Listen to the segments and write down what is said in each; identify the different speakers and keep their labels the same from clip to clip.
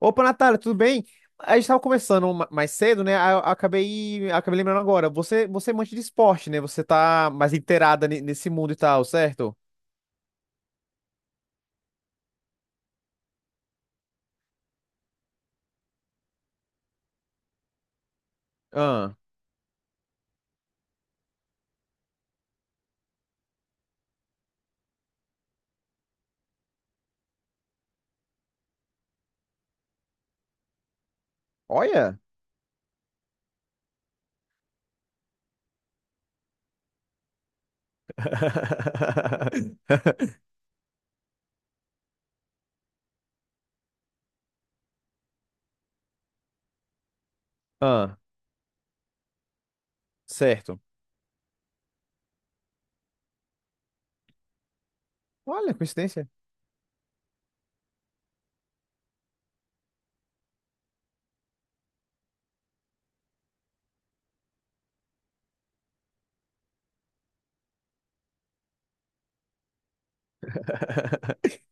Speaker 1: Opa, Natália, tudo bem? A gente estava conversando mais cedo, né? Aí eu acabei lembrando agora. Você é amante de esporte, né? Você tá mais inteirada nesse mundo e tal, certo? Ah, olha. Ah, certo. Olha, coincidência.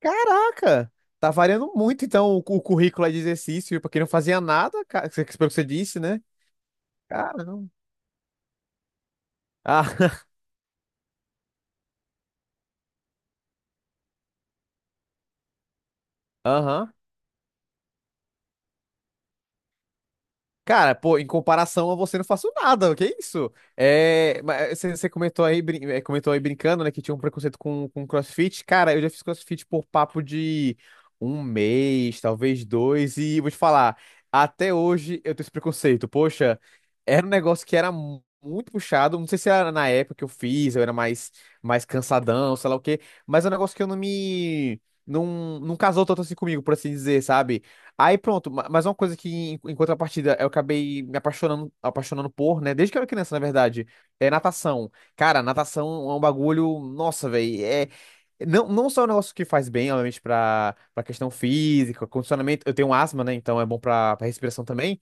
Speaker 1: Caraca! Tá variando muito, então, o currículo aí de exercício. Pra quem não fazia nada, cara, pelo que você disse, né? Caramba. Ah, aham. Cara, pô, em comparação a você, não faço nada, que isso? É, mas você comentou aí, comentou aí brincando, né, que tinha um preconceito com CrossFit. Cara, eu já fiz CrossFit por papo de um mês, talvez dois, e vou te falar, até hoje eu tenho esse preconceito. Poxa, era um negócio que era muito puxado, não sei se era na época que eu fiz, eu era mais cansadão, sei lá o quê, mas é um negócio que eu não me, não, não casou tanto assim comigo, por assim dizer, sabe? Aí pronto, mas uma coisa que em contrapartida eu acabei me apaixonando por, né? Desde que eu era criança, na verdade, é natação. Cara, natação é um bagulho, nossa, velho, é não só é um negócio que faz bem, obviamente, pra para questão física, condicionamento. Eu tenho asma, né? Então é bom pra para respiração também.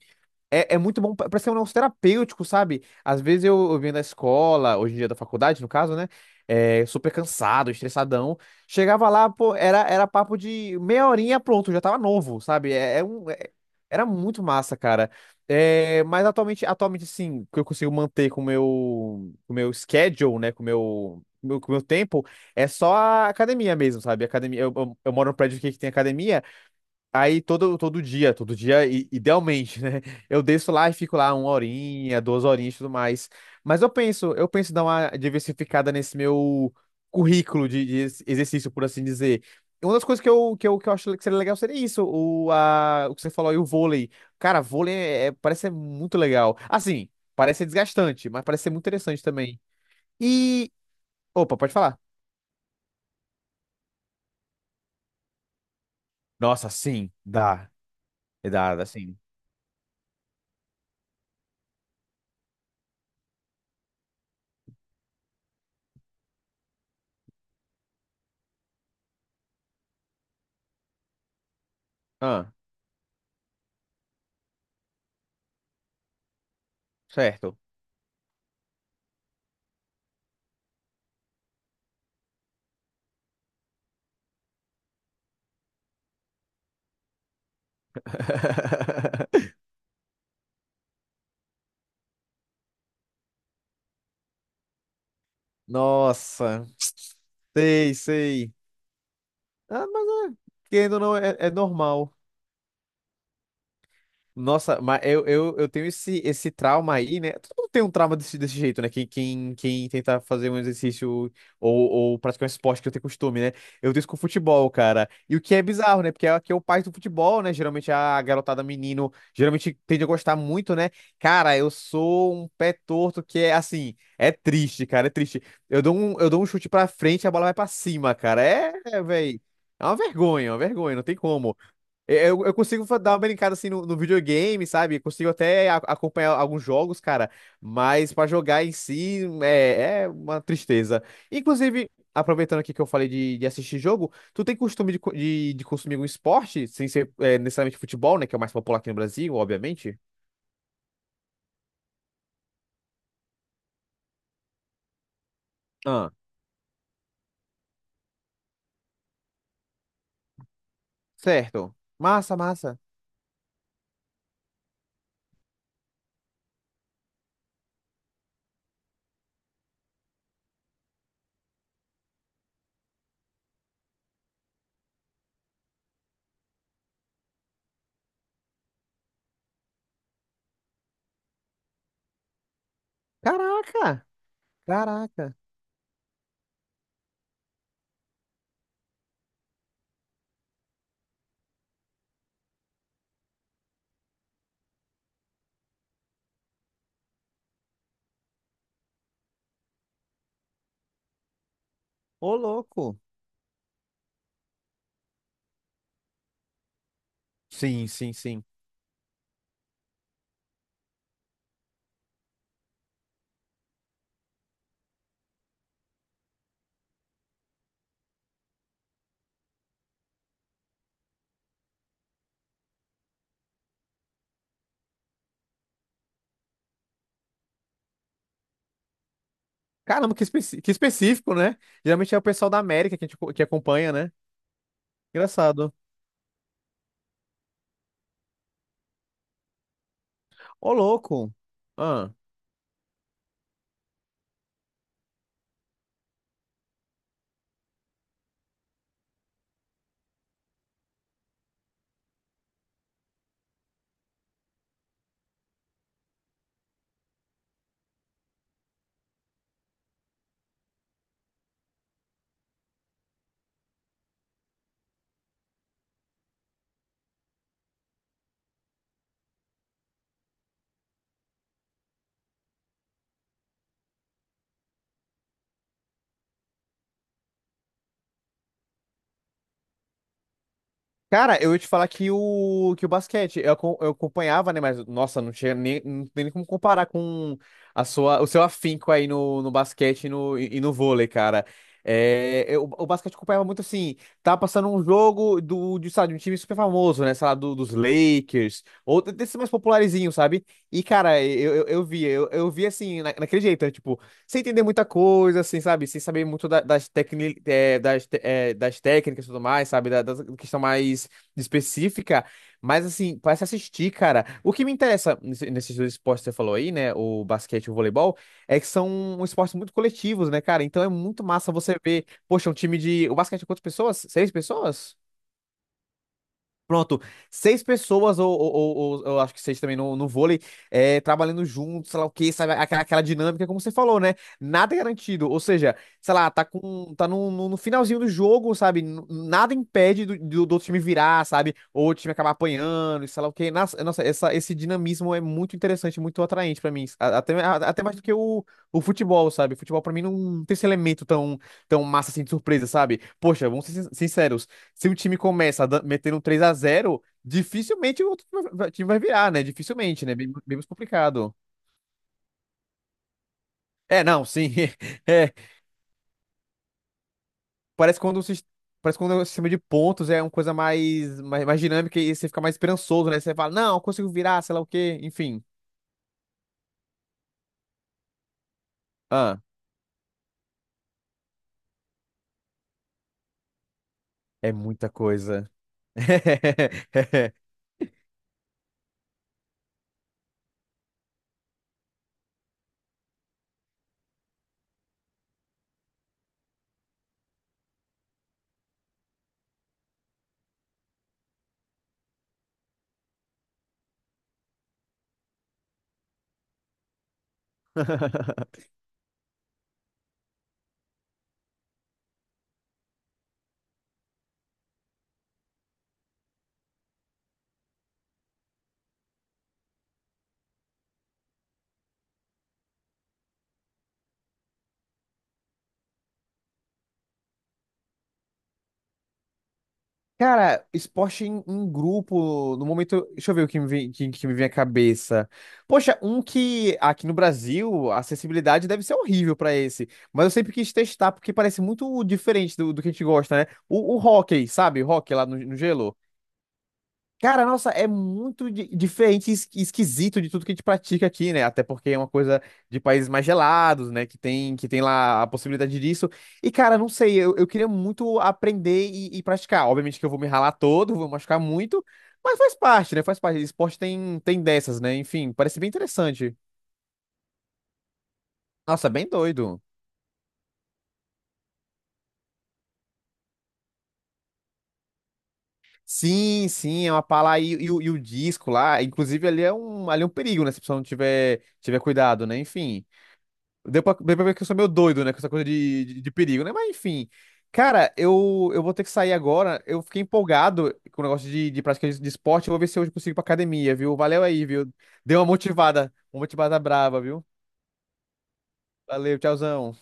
Speaker 1: É muito bom, parece que é um negócio terapêutico, sabe? Às vezes eu venho da escola, hoje em dia da faculdade, no caso, né? É, super cansado, estressadão. Chegava lá, pô, era papo de meia horinha, pronto, já tava novo, sabe? Era muito massa, cara. É, mas atualmente, sim, que eu consigo manter com o meu schedule, né? Com o meu, com o meu, com o meu tempo, é só a academia mesmo, sabe? Academia, eu moro num prédio aqui que tem academia. Aí todo dia, idealmente, né? Eu desço lá e fico lá uma horinha, duas horinhas e tudo mais. Mas eu penso em dar uma diversificada nesse meu currículo de exercício, por assim dizer. E uma das coisas que eu acho que seria legal seria isso, o que você falou aí, o vôlei. Cara, vôlei parece ser muito legal. Assim, parece ser desgastante, mas parece ser muito interessante também. E. Opa, pode falar. Nossa, sim, dá. Dá, dá sim. Ah, certo. Nossa, sei, sei. Ah, mas é, querendo ou não, é normal. Nossa, mas eu tenho esse trauma aí, né? Todo mundo tem um trauma desse jeito, né? Quem tenta fazer um exercício ou praticar um esporte que eu tenho costume, né? Eu tenho isso com o futebol, cara. E o que é bizarro, né? Porque aqui é o pai do futebol, né? Geralmente a garotada menino, geralmente tende a gostar muito, né? Cara, eu sou um pé torto que é assim, é triste, cara, é triste. Eu dou um chute pra frente e a bola vai pra cima, cara. É, velho. É uma vergonha, não tem como. É, eu consigo dar uma brincada assim no videogame, sabe? Consigo até acompanhar alguns jogos, cara, mas pra jogar em si é uma tristeza. Inclusive, aproveitando aqui que eu falei de assistir jogo, tu tem costume de consumir algum esporte, sem ser necessariamente futebol, né? Que é o mais popular aqui no Brasil, obviamente. Ah, certo. Massa, massa. Caraca! Caraca! Ô, louco! Sim, sim, sim. Caramba, que específico, né? Geralmente é o pessoal da América que, a gente co- que acompanha, né? Engraçado. Ô, louco. Ah. Cara, eu ia te falar que o basquete, eu acompanhava, né? Mas, nossa, não tinha nem, não tem nem como comparar com o seu afinco aí no basquete e e no vôlei, cara. É, o basquete eu acompanhava muito assim, tava passando um jogo sabe, de um time super famoso, né? Sei lá, dos Lakers, ou desse mais popularzinho, sabe? E, cara, eu via assim, naquele jeito, né? Tipo, sem entender muita coisa, assim, sabe? Sem saber muito da- das, tecni, eh, das, te- eh, das técnicas e tudo mais, sabe? Da questão mais específica. Mas, assim, parece assistir, cara. O que me interessa nesses dois esportes que você falou aí, né? O basquete e o voleibol, é que são esportes muito coletivos, né, cara? Então é muito massa você ver, poxa, um time de. O basquete é quantas pessoas? Seis pessoas? Pronto, seis pessoas, ou eu acho que seis também no vôlei, é, trabalhando juntos, sei lá o que, sabe? Aquela dinâmica, como você falou, né? Nada é garantido. Ou seja, sei lá, tá no finalzinho do jogo, sabe? Nada impede do outro time virar, sabe? Ou o time acabar apanhando, e sei lá o que. Nossa, nossa, esse dinamismo é muito interessante, muito atraente pra mim. Até mais do que o futebol, sabe? O futebol pra mim não tem esse elemento tão, tão massa assim de surpresa, sabe? Poxa, vamos ser sinceros se um time começa metendo um 3x0, dificilmente o outro time vai virar, né? Dificilmente, né? Bem, bem mais complicado. É, não, sim. É, parece quando o, sis- parece quando o sistema de pontos é uma coisa mais dinâmica e você fica mais esperançoso, né? Você fala, não, eu consigo virar, sei lá o quê, enfim. Ah, é muita coisa. Cara, esporte em grupo, no momento, deixa eu ver o que me vem, que me vem à cabeça. Poxa, um que aqui no Brasil, a acessibilidade deve ser horrível pra esse, mas eu sempre quis testar porque parece muito diferente do que a gente gosta, né? O hóquei, sabe? O hóquei lá no gelo. Cara, nossa, é muito diferente e esquisito de tudo que a gente pratica aqui, né? Até porque é uma coisa de países mais gelados, né? Que tem lá a possibilidade disso. E, cara, não sei, eu queria muito aprender e praticar. Obviamente que eu vou me ralar todo, vou machucar muito, mas faz parte, né? Faz parte. Esporte tem dessas, né? Enfim, parece bem interessante. Nossa, bem doido. Sim, sim, é uma pala aí e o disco lá. Inclusive, ali é um perigo, né? Se a pessoa não tiver cuidado, né? Enfim. Deu pra ver que eu sou meio doido, né? Com essa coisa de perigo, né? Mas enfim. Cara, eu vou ter que sair agora. Eu fiquei empolgado com o negócio de prática de esporte. Eu vou ver se hoje eu consigo ir pra academia, viu? Valeu aí, viu? Deu uma motivada brava, viu? Valeu, tchauzão.